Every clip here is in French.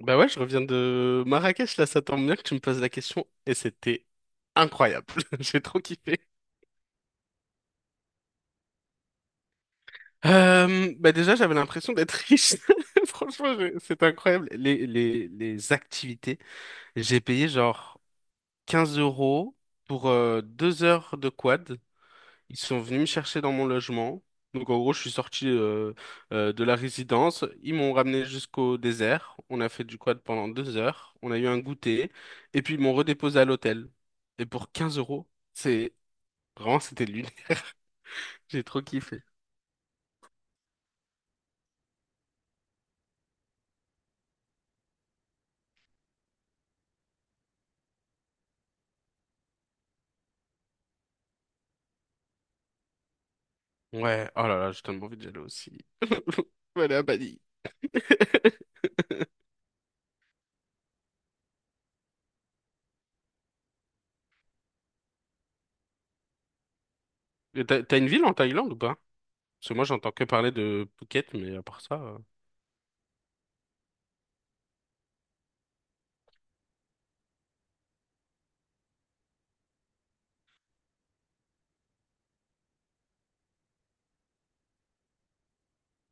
Bah ouais, je reviens de Marrakech, là, ça tombe bien que tu me poses la question, et c'était incroyable. J'ai trop kiffé. Bah déjà, j'avais l'impression d'être riche. Franchement, c'était incroyable. Les activités, j'ai payé genre 15 euros pour 2 heures de quad. Ils sont venus me chercher dans mon logement. Donc en gros, je suis sorti de la résidence. Ils m'ont ramené jusqu'au désert. On a fait du quad pendant 2 heures. On a eu un goûter. Et puis ils m'ont redéposé à l'hôtel. Et pour 15 euros, c'est vraiment c'était lunaire. J'ai trop kiffé. Ouais, oh là là, j'ai tellement envie d'y aller aussi. Voilà, à Bali. Et t'as une ville en Thaïlande ou pas? Parce que moi, j'entends que parler de Phuket, mais à part ça,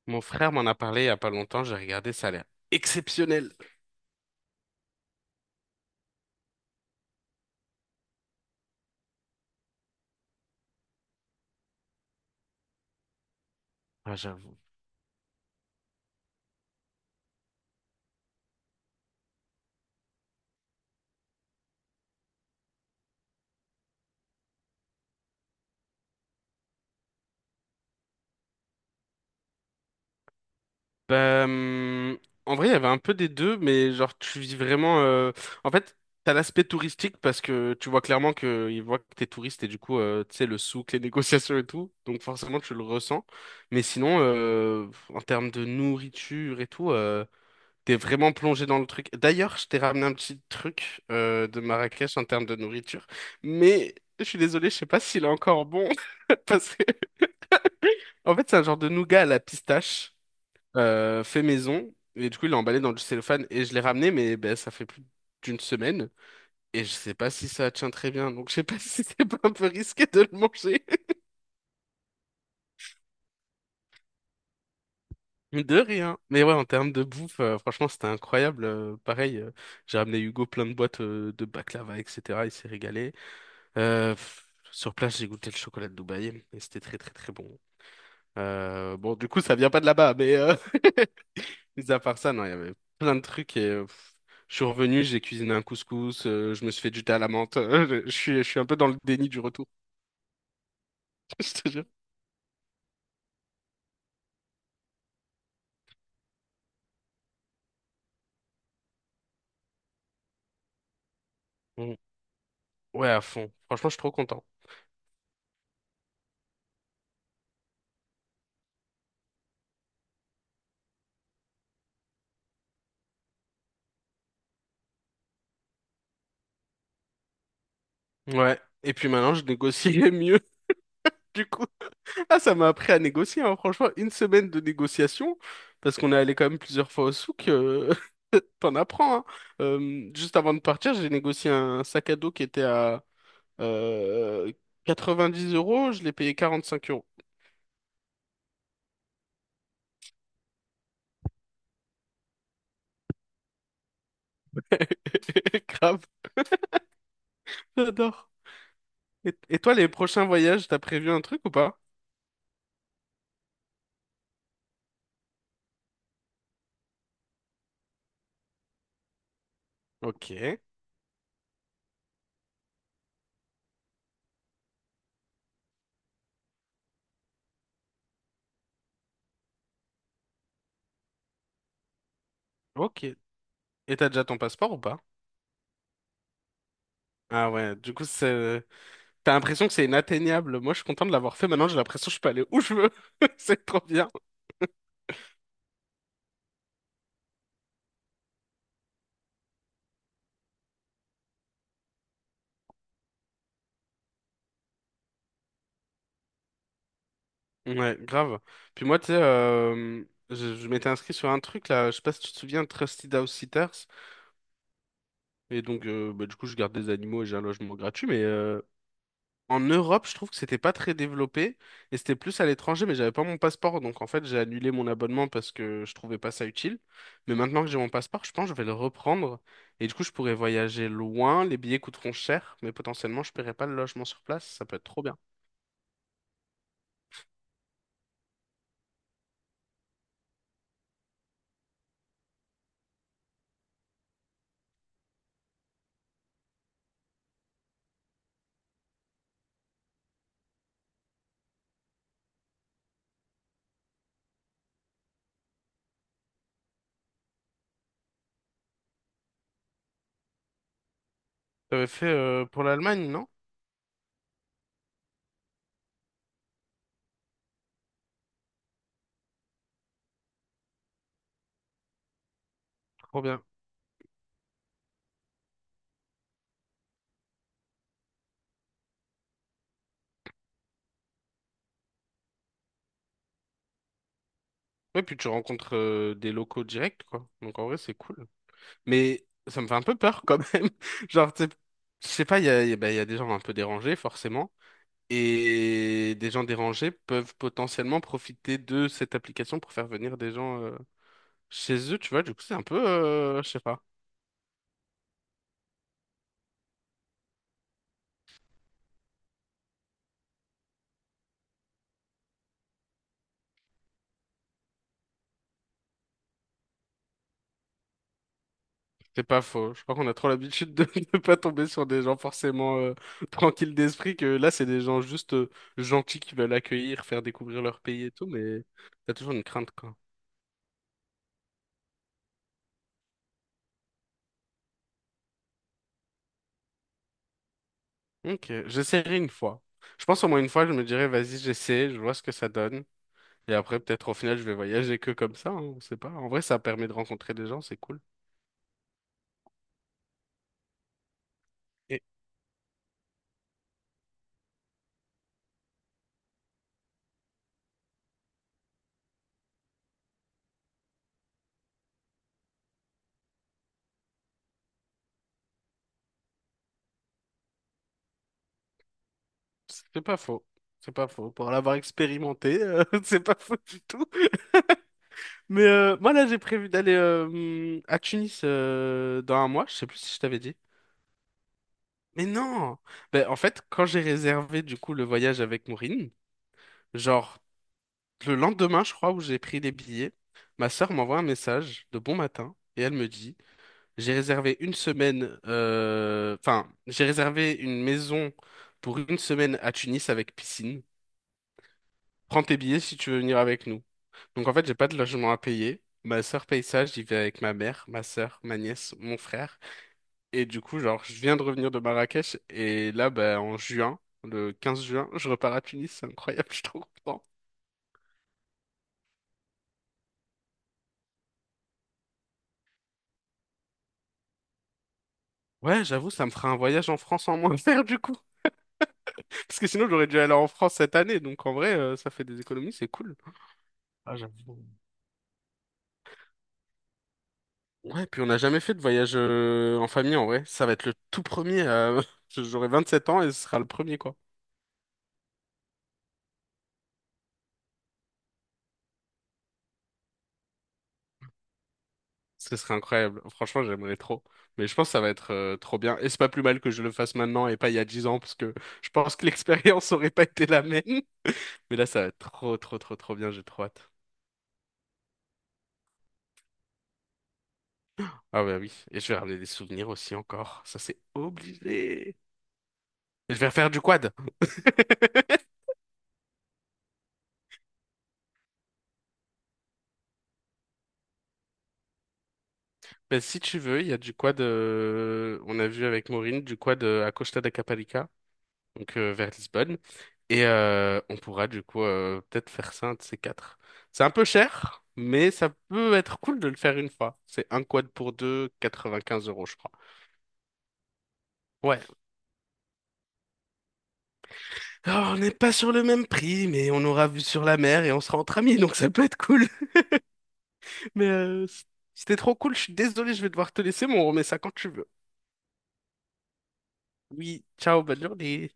mon frère m'en a parlé il y a pas longtemps. J'ai regardé, ça a l'air exceptionnel. Ah, j'avoue. Bah, hum, en vrai, il y avait un peu des deux, mais genre, tu vis vraiment. En fait, t'as l'aspect touristique parce que tu vois clairement que ils voient que t'es touriste et du coup, tu sais, le souk, les négociations et tout. Donc, forcément, tu le ressens. Mais sinon, en termes de nourriture et tout, t'es vraiment plongé dans le truc. D'ailleurs, je t'ai ramené un petit truc de Marrakech en termes de nourriture, mais je suis désolé, je sais pas s'il est encore bon parce que, en fait, c'est un genre de nougat à la pistache fait maison. Et du coup, il l'a emballé dans du cellophane et je l'ai ramené, mais ben, ça fait plus d'une semaine. Et je sais pas si ça tient très bien. Donc, je sais pas si c'est pas un peu risqué de le manger. De rien. Mais ouais, en termes de bouffe, franchement, c'était incroyable. Pareil, j'ai ramené Hugo plein de boîtes de baklava, etc. Il s'est régalé. Sur place, j'ai goûté le chocolat de Dubaï et c'était très, très, très bon. Bon, du coup, ça vient pas de là-bas, Mis à part ça, non, il y avait plein de trucs et je suis revenu, j'ai cuisiné un couscous, je me suis fait du thé à la menthe. Je suis un peu dans le déni du retour, je te jure. Mm. Ouais, à fond. Franchement, je suis trop content. Ouais. Et puis maintenant, je négocie mieux, du coup. Ah, ça m'a appris à négocier, hein. Franchement, une semaine de négociation, parce qu'on est allé quand même plusieurs fois au souk, t'en apprends, hein. Juste avant de partir, j'ai négocié un sac à dos qui était à euh, 90 euros, je l'ai payé 45 euros. Grave, j'adore. Et toi, les prochains voyages, t'as prévu un truc ou pas? Ok, ok. Et t'as déjà ton passeport ou pas? Ah ouais, du coup, c'est... t'as l'impression que c'est inatteignable. Moi, je suis content de l'avoir fait. Maintenant, j'ai l'impression que je peux aller où je veux. C'est trop bien. Ouais, grave. Puis moi, tu sais, je m'étais inscrit sur un truc là, je sais pas si tu te souviens, Trusted House Sitters. Et donc, du coup, je garde des animaux et j'ai un logement gratuit, en Europe, je trouve que c'était pas très développé et c'était plus à l'étranger, mais j'avais pas mon passeport, donc en fait j'ai annulé mon abonnement parce que je trouvais pas ça utile. Mais maintenant que j'ai mon passeport, je pense que je vais le reprendre et du coup je pourrais voyager loin. Les billets coûteront cher, mais potentiellement je paierai pas le logement sur place. Ça peut être trop bien. T'avais fait pour l'Allemagne, non? Trop bien. Ouais, puis tu rencontres des locaux directs, quoi. Donc en vrai c'est cool. Mais ça me fait un peu peur quand même. Genre, tu sais, je sais pas, il y a bah, il y a des gens un peu dérangés forcément. Et des gens dérangés peuvent potentiellement profiter de cette application pour faire venir des gens chez eux, tu vois. Du coup, c'est un peu, je sais pas, c'est pas faux. Je crois qu'on a trop l'habitude de ne pas tomber sur des gens forcément tranquilles d'esprit, que là, c'est des gens juste gentils qui veulent accueillir, faire découvrir leur pays et tout, mais t'as toujours une crainte, quoi. Ok, j'essaierai une fois. Je pense au moins une fois, je me dirais, vas-y, j'essaie, je vois ce que ça donne. Et après, peut-être au final, je vais voyager que comme ça, hein, on sait pas. En vrai, ça permet de rencontrer des gens, c'est cool. C'est pas faux. C'est pas faux. Pour l'avoir expérimenté, c'est pas faux du tout. Moi, là, j'ai prévu d'aller à Tunis dans un mois. Je sais plus si je t'avais dit. Mais non! Ben, en fait, quand j'ai réservé du coup le voyage avec Maureen, genre le lendemain, je crois, où j'ai pris les billets, ma sœur m'envoie un message de bon matin et elle me dit, j'ai réservé une semaine, j'ai réservé une maison pour une semaine à Tunis avec piscine. Prends tes billets si tu veux venir avec nous. Donc en fait, j'ai pas de logement à payer. Ma sœur paye ça, j'y vais avec ma mère, ma sœur, ma nièce, mon frère. Et du coup, genre, je viens de revenir de Marrakech et là, bah, en juin, le 15 juin, je repars à Tunis. C'est incroyable, je suis trop content. Ouais, j'avoue, ça me fera un voyage en France en moins à faire du coup. Parce que sinon, j'aurais dû aller en France cette année. Donc en vrai, ça fait des économies, c'est cool. Ah, j'avoue. Ouais, puis on n'a jamais fait de voyage en famille en vrai. Ça va être le tout premier. J'aurai 27 ans et ce sera le premier, quoi. Ce serait incroyable. Franchement, j'aimerais trop. Mais je pense que ça va être trop bien. Et c'est pas plus mal que je le fasse maintenant et pas il y a 10 ans, parce que je pense que l'expérience aurait pas été la même. Mais là, ça va être trop, trop, trop, trop bien. J'ai trop hâte. Ah bah oui. Et je vais ramener des souvenirs aussi encore. Ça, c'est obligé. Et je vais refaire du quad. Ben, si tu veux, il y a du quad. On a vu avec Maureen, du quad à Costa da Caparica. Vers Lisbonne. Et on pourra du coup peut-être faire ça un de ces quatre. C'est un peu cher, mais ça peut être cool de le faire une fois. C'est un quad pour deux, 95 euros, je crois. Ouais. Alors, on n'est pas sur le même prix, mais on aura vu sur la mer et on sera entre amis, donc ça peut être cool. Mais euh, C'était trop cool, je suis désolé, je vais devoir te laisser, mais on remet ça quand tu veux. Oui, ciao, bonne journée.